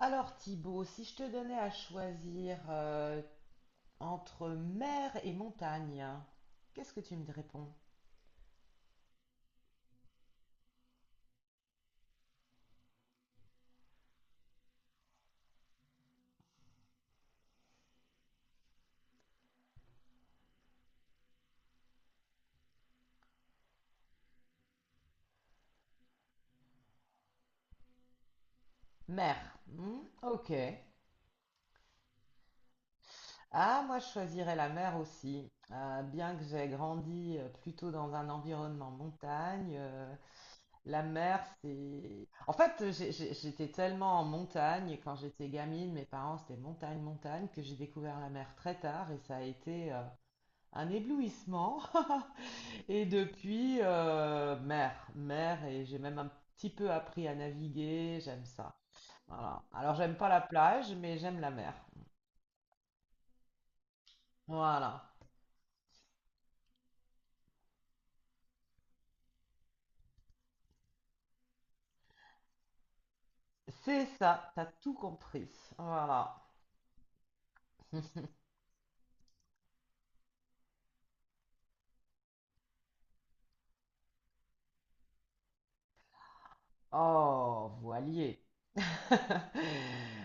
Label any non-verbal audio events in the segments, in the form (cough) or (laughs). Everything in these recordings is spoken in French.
Alors Thibaut, si je te donnais à choisir entre mer et montagne, qu'est-ce que tu me réponds? Mer. Ok. Ah, moi je choisirais la mer aussi. Bien que j'ai grandi plutôt dans un environnement montagne, la mer c'est... En fait, j'étais tellement en montagne quand j'étais gamine, mes parents c'était montagne, montagne, que j'ai découvert la mer très tard et ça a été un éblouissement. (laughs) Et depuis, mer, mer, et j'ai même un petit peu appris à naviguer, j'aime ça. Voilà. Alors, j'aime pas la plage, mais j'aime la mer. Voilà. C'est ça, t'as tout compris. Voilà. (laughs) Oh, voilier. (laughs)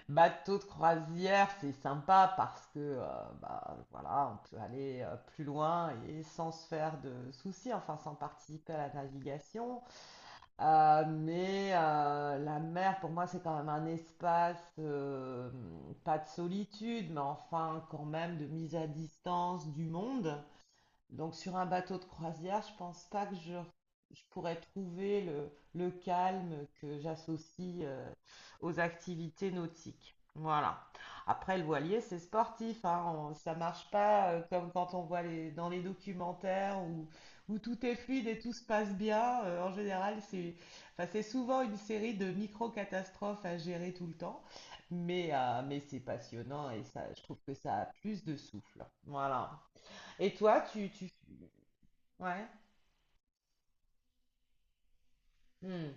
Bateau de croisière, c'est sympa parce que bah, voilà, on peut aller plus loin et sans se faire de soucis, enfin sans participer à la navigation. Mais la mer, pour moi, c'est quand même un espace, pas de solitude, mais enfin quand même de mise à distance du monde. Donc sur un bateau de croisière, je pense pas que je pourrais trouver le calme que j'associe aux activités nautiques. Voilà. Après, le voilier, c'est sportif, hein. Ça marche pas comme quand on voit dans les documentaires où tout est fluide et tout se passe bien. En général, enfin, c'est souvent une série de micro-catastrophes à gérer tout le temps, mais c'est passionnant et ça, je trouve que ça a plus de souffle. Voilà. Et toi, tu... Ouais. Hmm.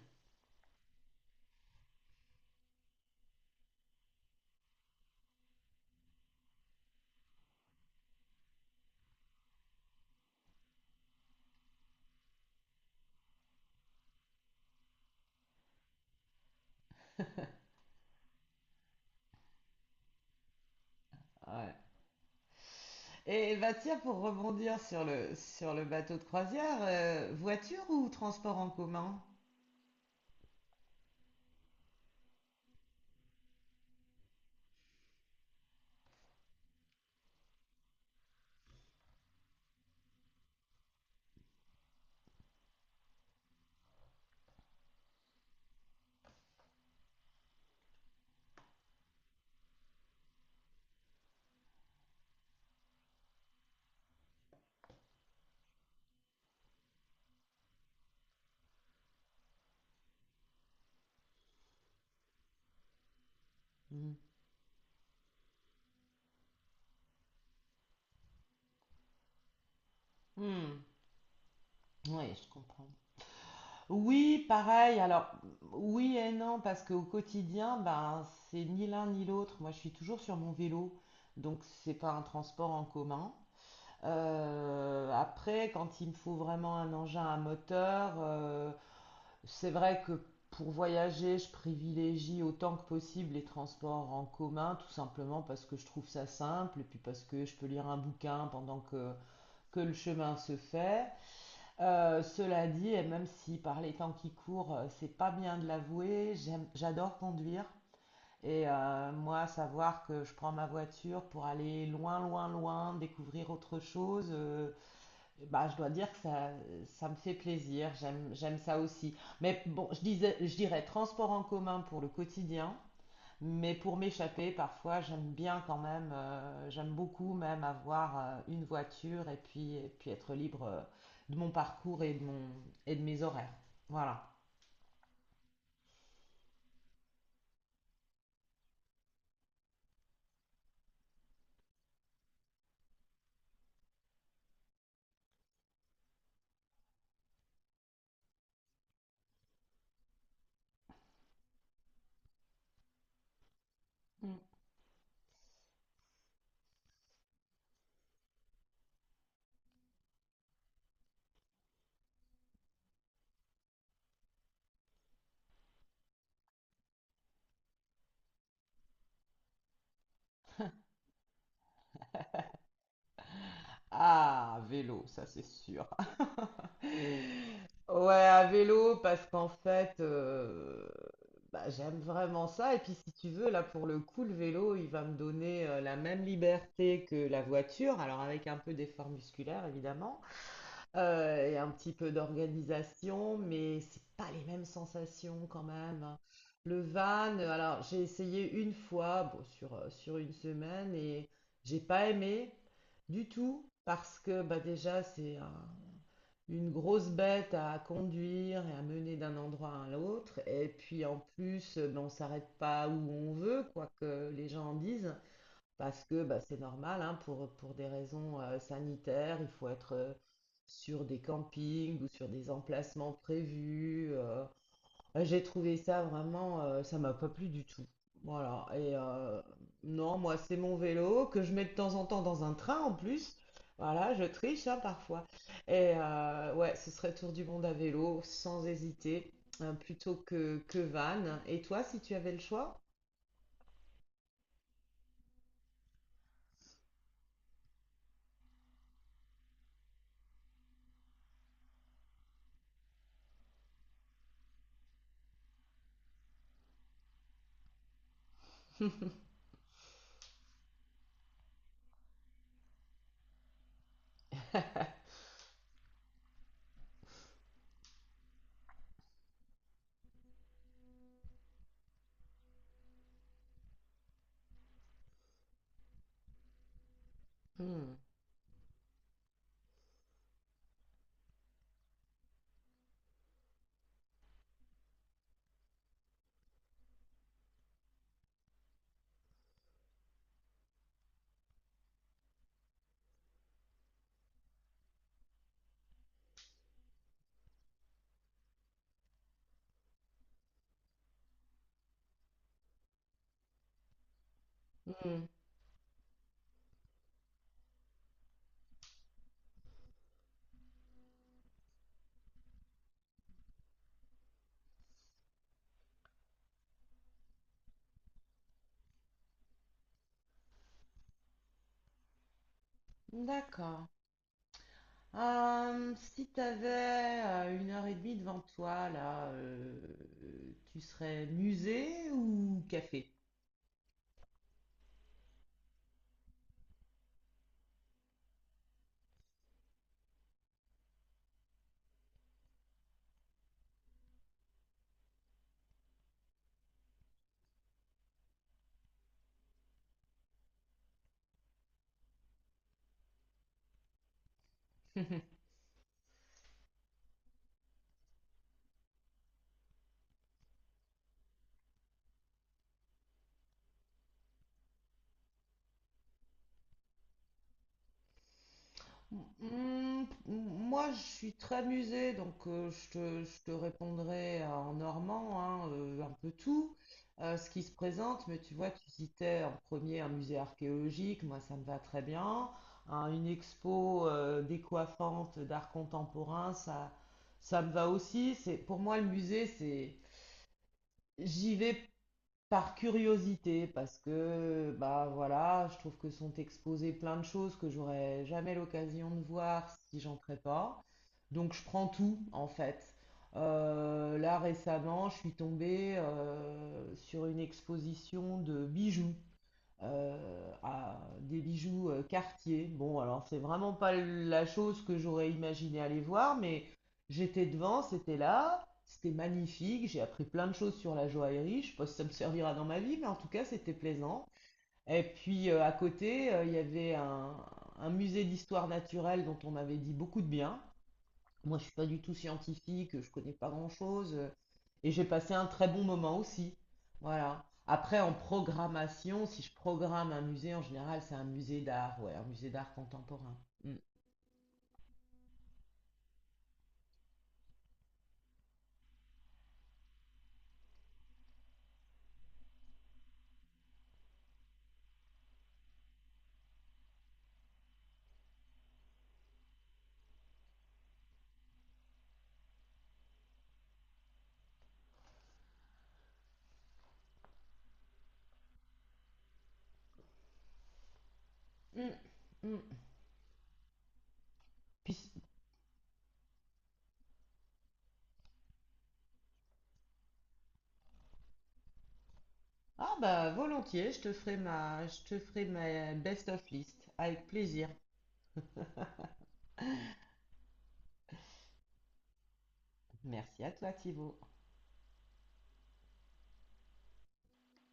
Ouais. Et Baptiste, pour rebondir sur sur le bateau de croisière, voiture ou transport en commun? Hmm. Hmm. Oui, je comprends. Oui, pareil. Alors, oui et non, parce qu'au quotidien, ben, c'est ni l'un ni l'autre. Moi, je suis toujours sur mon vélo, donc c'est pas un transport en commun. Après, quand il me faut vraiment un engin à moteur, c'est vrai que pour voyager, je privilégie autant que possible les transports en commun, tout simplement parce que je trouve ça simple et puis parce que je peux lire un bouquin que le chemin se fait. Cela dit, et même si par les temps qui courent, c'est pas bien de l'avouer, j'adore conduire. Et moi, savoir que je prends ma voiture pour aller loin, loin, loin, découvrir autre chose, bah, je dois dire que ça me fait plaisir, j'aime ça aussi. Mais bon, je disais, je dirais transport en commun pour le quotidien, mais pour m'échapper, parfois, j'aime bien quand même, j'aime beaucoup même avoir une voiture et puis être libre de mon parcours et de et de mes horaires. Voilà. Mm. Ah, vélo, ça c'est sûr. Ouais, à vélo, parce qu'en fait, bah, j'aime vraiment ça. Et puis, si tu veux, là, pour le coup, le vélo, il va me donner la même liberté que la voiture, alors avec un peu d'effort musculaire, évidemment, et un petit peu d'organisation, mais c'est pas les mêmes sensations quand même. Le van, alors j'ai essayé une fois, bon, sur une semaine, et j'ai pas aimé du tout, parce que bah, déjà, c'est un une grosse bête à conduire et à mener d'un endroit à l'autre. Et puis en plus, ben, on s'arrête pas où on veut, quoi que les gens en disent, parce que bah, c'est normal, hein, pour des raisons sanitaires, il faut être sur des campings ou sur des emplacements prévus. J'ai trouvé ça vraiment, ça m'a pas plu du tout. Voilà. Et non, moi, c'est mon vélo que je mets de temps en temps dans un train en plus. Voilà, je triche hein, parfois. Et ouais, ce serait tour du monde à vélo, sans hésiter, hein, plutôt que van. Et toi, si tu avais le choix? Hmm, hmm, d'accord. Si tu avais une heure et demie devant toi, tu serais musée ou café? (laughs) Mm, moi, je suis très musée, donc je te répondrai en normand, hein, un peu tout, ce qui se présente, mais tu vois, tu citais en premier un musée archéologique, moi ça me va très bien, hein, une expo décoiffante d'art contemporain, ça me va aussi. Pour moi, le musée, j'y vais par curiosité, parce que bah voilà, je trouve que sont exposées plein de choses que j'aurais jamais l'occasion de voir si j'entrais pas. Donc je prends tout en fait. Là récemment, je suis tombée sur une exposition de bijoux à des bijoux Cartier. Bon, alors c'est vraiment pas la chose que j'aurais imaginé aller voir, mais j'étais devant, c'était là, c'était magnifique, j'ai appris plein de choses sur la joaillerie, je sais pas si ça me servira dans ma vie, mais en tout cas c'était plaisant. Et puis à côté, il y avait un musée d'histoire naturelle dont on m'avait dit beaucoup de bien. Moi, je suis pas du tout scientifique, je connais pas grand-chose. Et j'ai passé un très bon moment aussi. Voilà. Après, en programmation, si je programme un musée, en général, c'est un musée d'art, ouais, un musée d'art contemporain. Mm. Mm, mm. Puis, ah bah volontiers, je te ferai ma best of list avec plaisir. Merci à toi, Thibaut.